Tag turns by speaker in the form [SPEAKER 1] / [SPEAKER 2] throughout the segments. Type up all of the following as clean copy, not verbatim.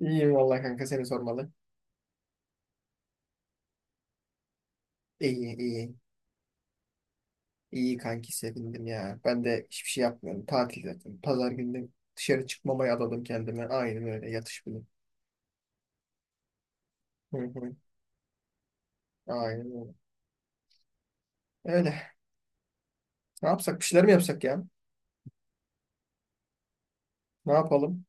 [SPEAKER 1] İyiyim vallahi kanka seni sormalı. İyi iyi. İyi kanki sevindim ya. Ben de hiçbir şey yapmıyorum. Tatil zaten. Pazar günü dışarı çıkmamaya adadım kendime. Aynen öyle yatış bile. Hı hı. Aynen öyle. Öyle. Ne yapsak? Bir şeyler mi yapsak ya? Ne yapalım?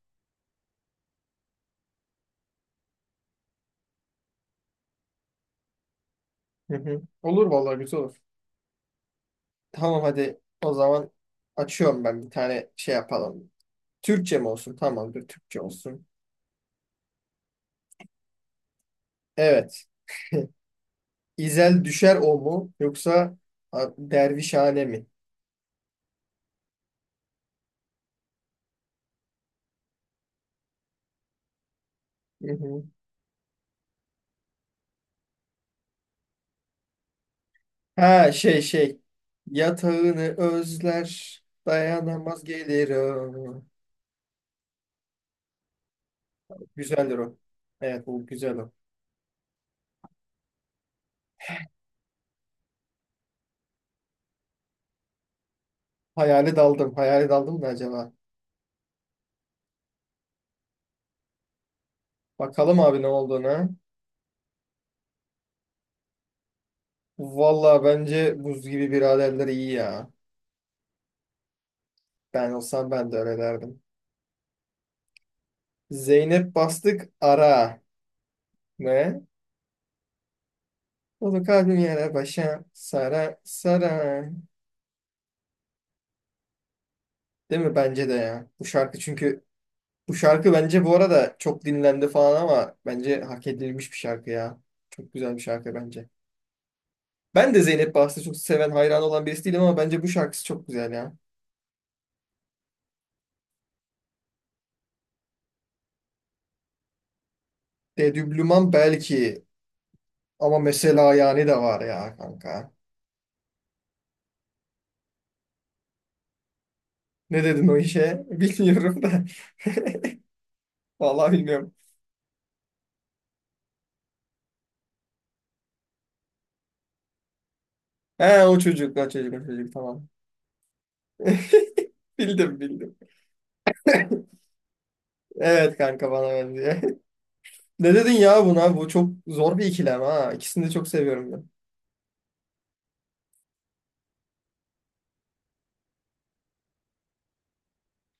[SPEAKER 1] Hı hı. Olur vallahi güzel olur. Tamam hadi o zaman açıyorum ben bir tane şey yapalım. Türkçe mi olsun? Tamamdır Türkçe olsun. Evet. İzel düşer o mu yoksa dervişhane mi? Hı hı. Ha şey. Yatağını özler, dayanamaz gelirim. Güzeldir o. Evet bu güzel o. Hayale daldım. Hayale daldım da acaba. Bakalım abi ne olduğunu. Valla bence buz gibi biraderler iyi ya. Ben olsam ben de öyle derdim. Zeynep bastık ara. Ne? Dolu kalbim yere başa sara sara. Değil mi? Bence de ya. Bu şarkı çünkü bu şarkı bence bu arada çok dinlendi falan ama bence hak edilmiş bir şarkı ya. Çok güzel bir şarkı bence. Ben de Zeynep Bahçı çok seven, hayran olan birisi değilim ama bence bu şarkısı çok güzel ya. Dedüblüman belki ama mesela yani de var ya kanka. Ne dedin o işe? Bilmiyorum da. Vallahi bilmiyorum. He o çocuk, o çocuk, o çocuk tamam. Bildim bildim. Evet kanka bana benziyor. Ne dedin ya buna? Bu çok zor bir ikilem ha. İkisini de çok seviyorum ben.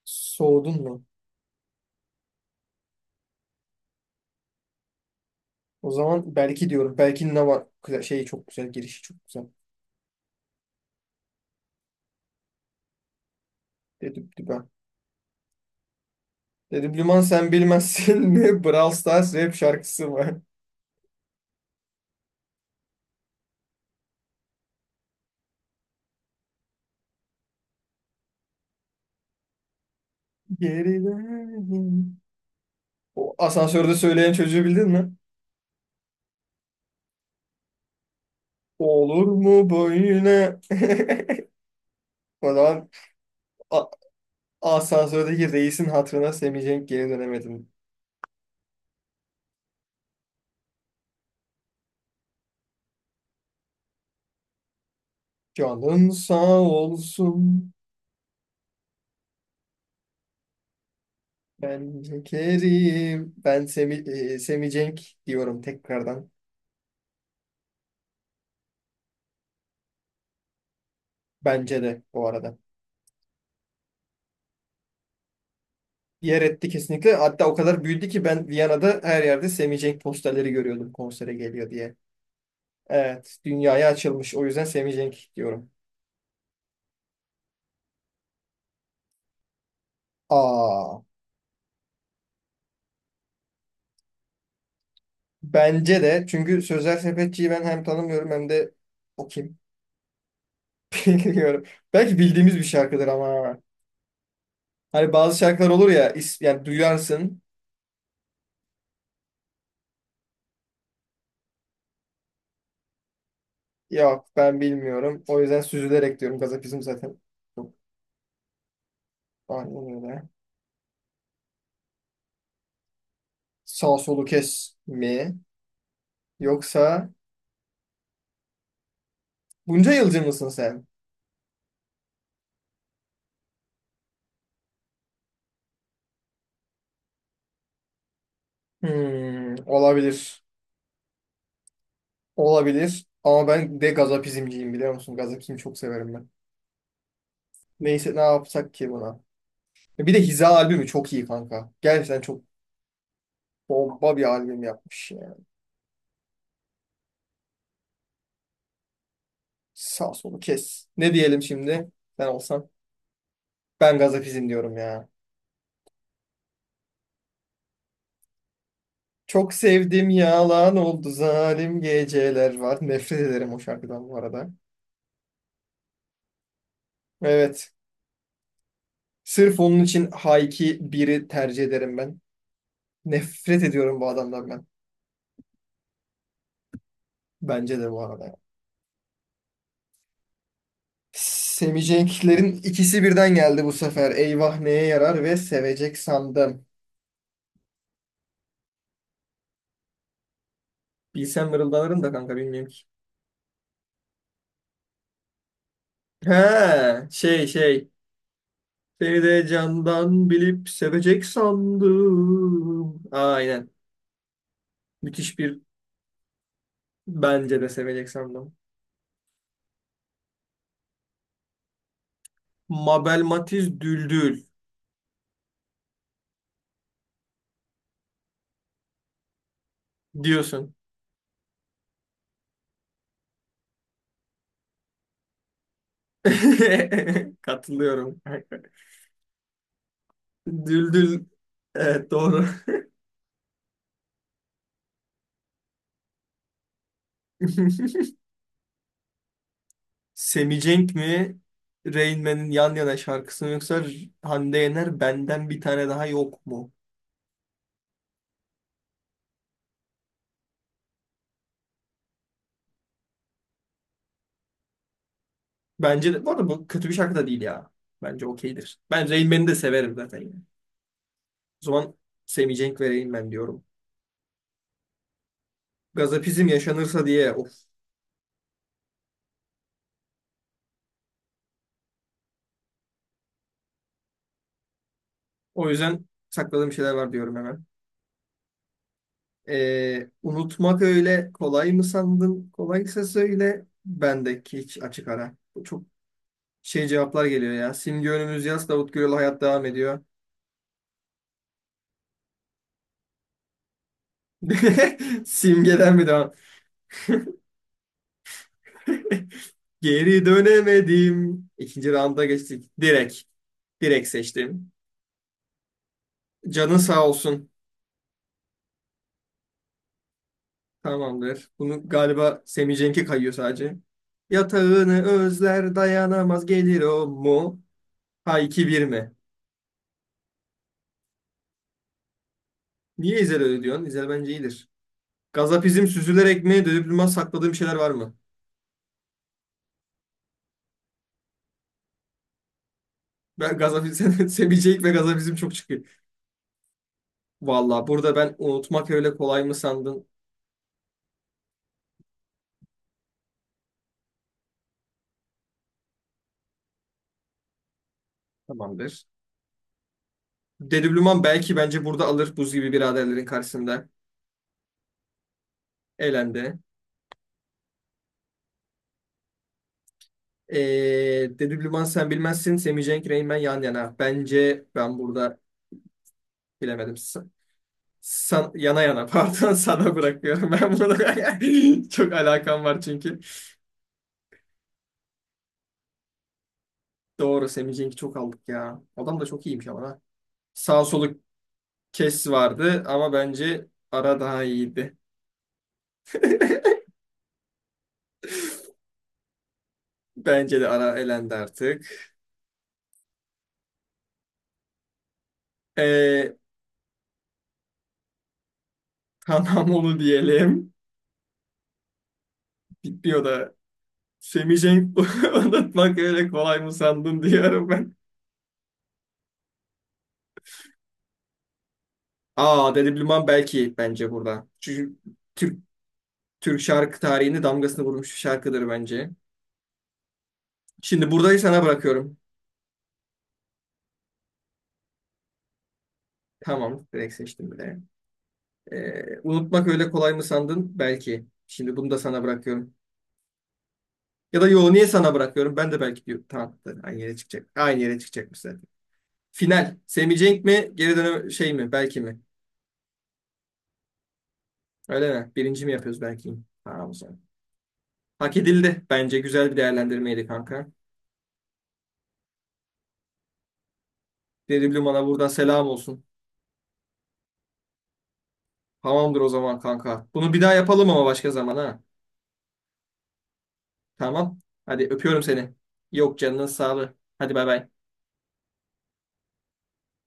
[SPEAKER 1] Soğudun mu? O zaman belki diyorum. Belki ne var? Güzel, şeyi çok güzel. Girişi çok güzel. Dedim düben. Dedim Lüman sen bilmezsin mi? Brawl Stars rap şarkısı var. Gerilerim. O asansörde söyleyen çocuğu bildin mi? Olur mu böyle? O zaman a- asansördeki reisin hatırına Semih Cenk geri dönemedim. Canın sağ olsun. Ben Kerim. Ben Semih, Semih Cenk diyorum tekrardan. Bence de bu arada. Yer etti kesinlikle. Hatta o kadar büyüdü ki ben Viyana'da her yerde Semih Cenk posterleri görüyordum konsere geliyor diye. Evet, dünyaya açılmış. O yüzden Semih Cenk diyorum. Aa, bence de çünkü Sözel Sepetçi'yi ben hem tanımıyorum hem de o kim bilmiyorum. Belki bildiğimiz bir şarkıdır ama. Hani bazı şarkılar olur ya, yani duyarsın. Yok ben bilmiyorum. O yüzden süzülerek diyorum. Gazapizm zaten çok aynen öyle. Sağ solu kes mi? Yoksa bunca yılcı mısın sen? Hmm, olabilir. Olabilir. Ama ben de gazapizmciyim biliyor musun? Gazapizmi çok severim ben. Neyse ne yapsak ki buna. Bir de Hiza albümü çok iyi kanka. Gerçekten çok bomba bir albüm yapmış ya. Sağ solu kes. Ne diyelim şimdi? Ben olsam. Ben gazapizm diyorum ya. Çok sevdim yalan oldu zalim geceler var. Nefret ederim o şarkıdan bu arada. Evet. Sırf onun için Hayki biri tercih ederim ben. Nefret ediyorum bu adamdan ben. Bence de bu arada. Seveceklerin ikisi birden geldi bu sefer. Eyvah neye yarar ve sevecek sandım. Bilsem mırıldanırım da kanka bilmiyorum ki. He şey. Seni de candan bilip sevecek sandım. Aynen. Müthiş bir bence de sevecek sandım. Mabel Matiz Düldül diyorsun. Katılıyorum. Düldül. Evet doğru. Semicenk mi? Rain Man'in Yan Yana şarkısı mı yoksa Hande Yener Benden Bir Tane Daha Yok mu? Bence de, bu arada bu kötü bir şarkı da değil ya. Bence okeydir. Ben Rain Man'i de severim zaten. Yani. O zaman Semicenk ve Rain Man diyorum. Gazapizm yaşanırsa diye of. O yüzden sakladığım şeyler var diyorum hemen. Unutmak öyle kolay mı sandın? Kolaysa söyle. Bendeki hiç açık ara. Bu çok şey cevaplar geliyor ya. Simge önümüz yaz, Davut Gürel hayat devam ediyor. Simgeden mi devam? Geri dönemedim. İkinci rounda geçtik. Direkt. Direkt seçtim. Canın sağ olsun. Tamamdır. Bunu galiba Semih Cenk'e kayıyor sadece. Yatağını özler dayanamaz gelir o mu? Ha iki bir mi? Niye İzel öyle diyorsun? İzel bence iyidir. Gazapizm süzülerek mi? Dönüp durmaz sakladığım şeyler var mı? Ben gazapizm, Semih Cenk ve gazapizm çok çıkıyor. Valla burada ben unutmak öyle kolay mı sandın? Tamamdır. Dedublüman belki bence burada alır buz gibi biraderlerin karşısında. Elendi. Ee, Dedublüman sen bilmezsin. Semih Cenk, Reynmen yan yana. Bence ben burada bilemedim. Yana yana pardon sana bırakıyorum ben bunu. Çok alakam var çünkü. Doğru Semih Cenk'i çok aldık ya. Adam da çok iyiymiş ama ha. Sağ soluk kes vardı ama bence ara daha iyiydi. Bence de ara elendi artık. Ee, tamam onu diyelim. Bitmiyor da Semih Cenk unutmak öyle kolay mı sandın diyorum ben. Aa Dede Bilmem belki bence burada. Çünkü Türk, Türk şarkı tarihinde damgasını vurmuş bir şarkıdır bence. Şimdi burayı sana bırakıyorum. Tamam direkt seçtim bile. Unutmak öyle kolay mı sandın? Belki. Şimdi bunu da sana bırakıyorum. Ya da yo niye sana bırakıyorum? Ben de belki diyorum. Tamam tamam, aynı yere çıkacak. Aynı yere çıkacakmış zaten. Final. Semih Cenk mi? Geri dönem şey mi? Belki mi? Öyle mi? Birinci mi yapıyoruz belki? Tamam o zaman. Hak edildi bence. Güzel bir değerlendirmeydi kanka. Dedi Blum'a buradan selam olsun. Tamamdır o zaman kanka. Bunu bir daha yapalım ama başka zaman ha. Tamam. Hadi öpüyorum seni. Yok canının sağlığı. Hadi bay bay.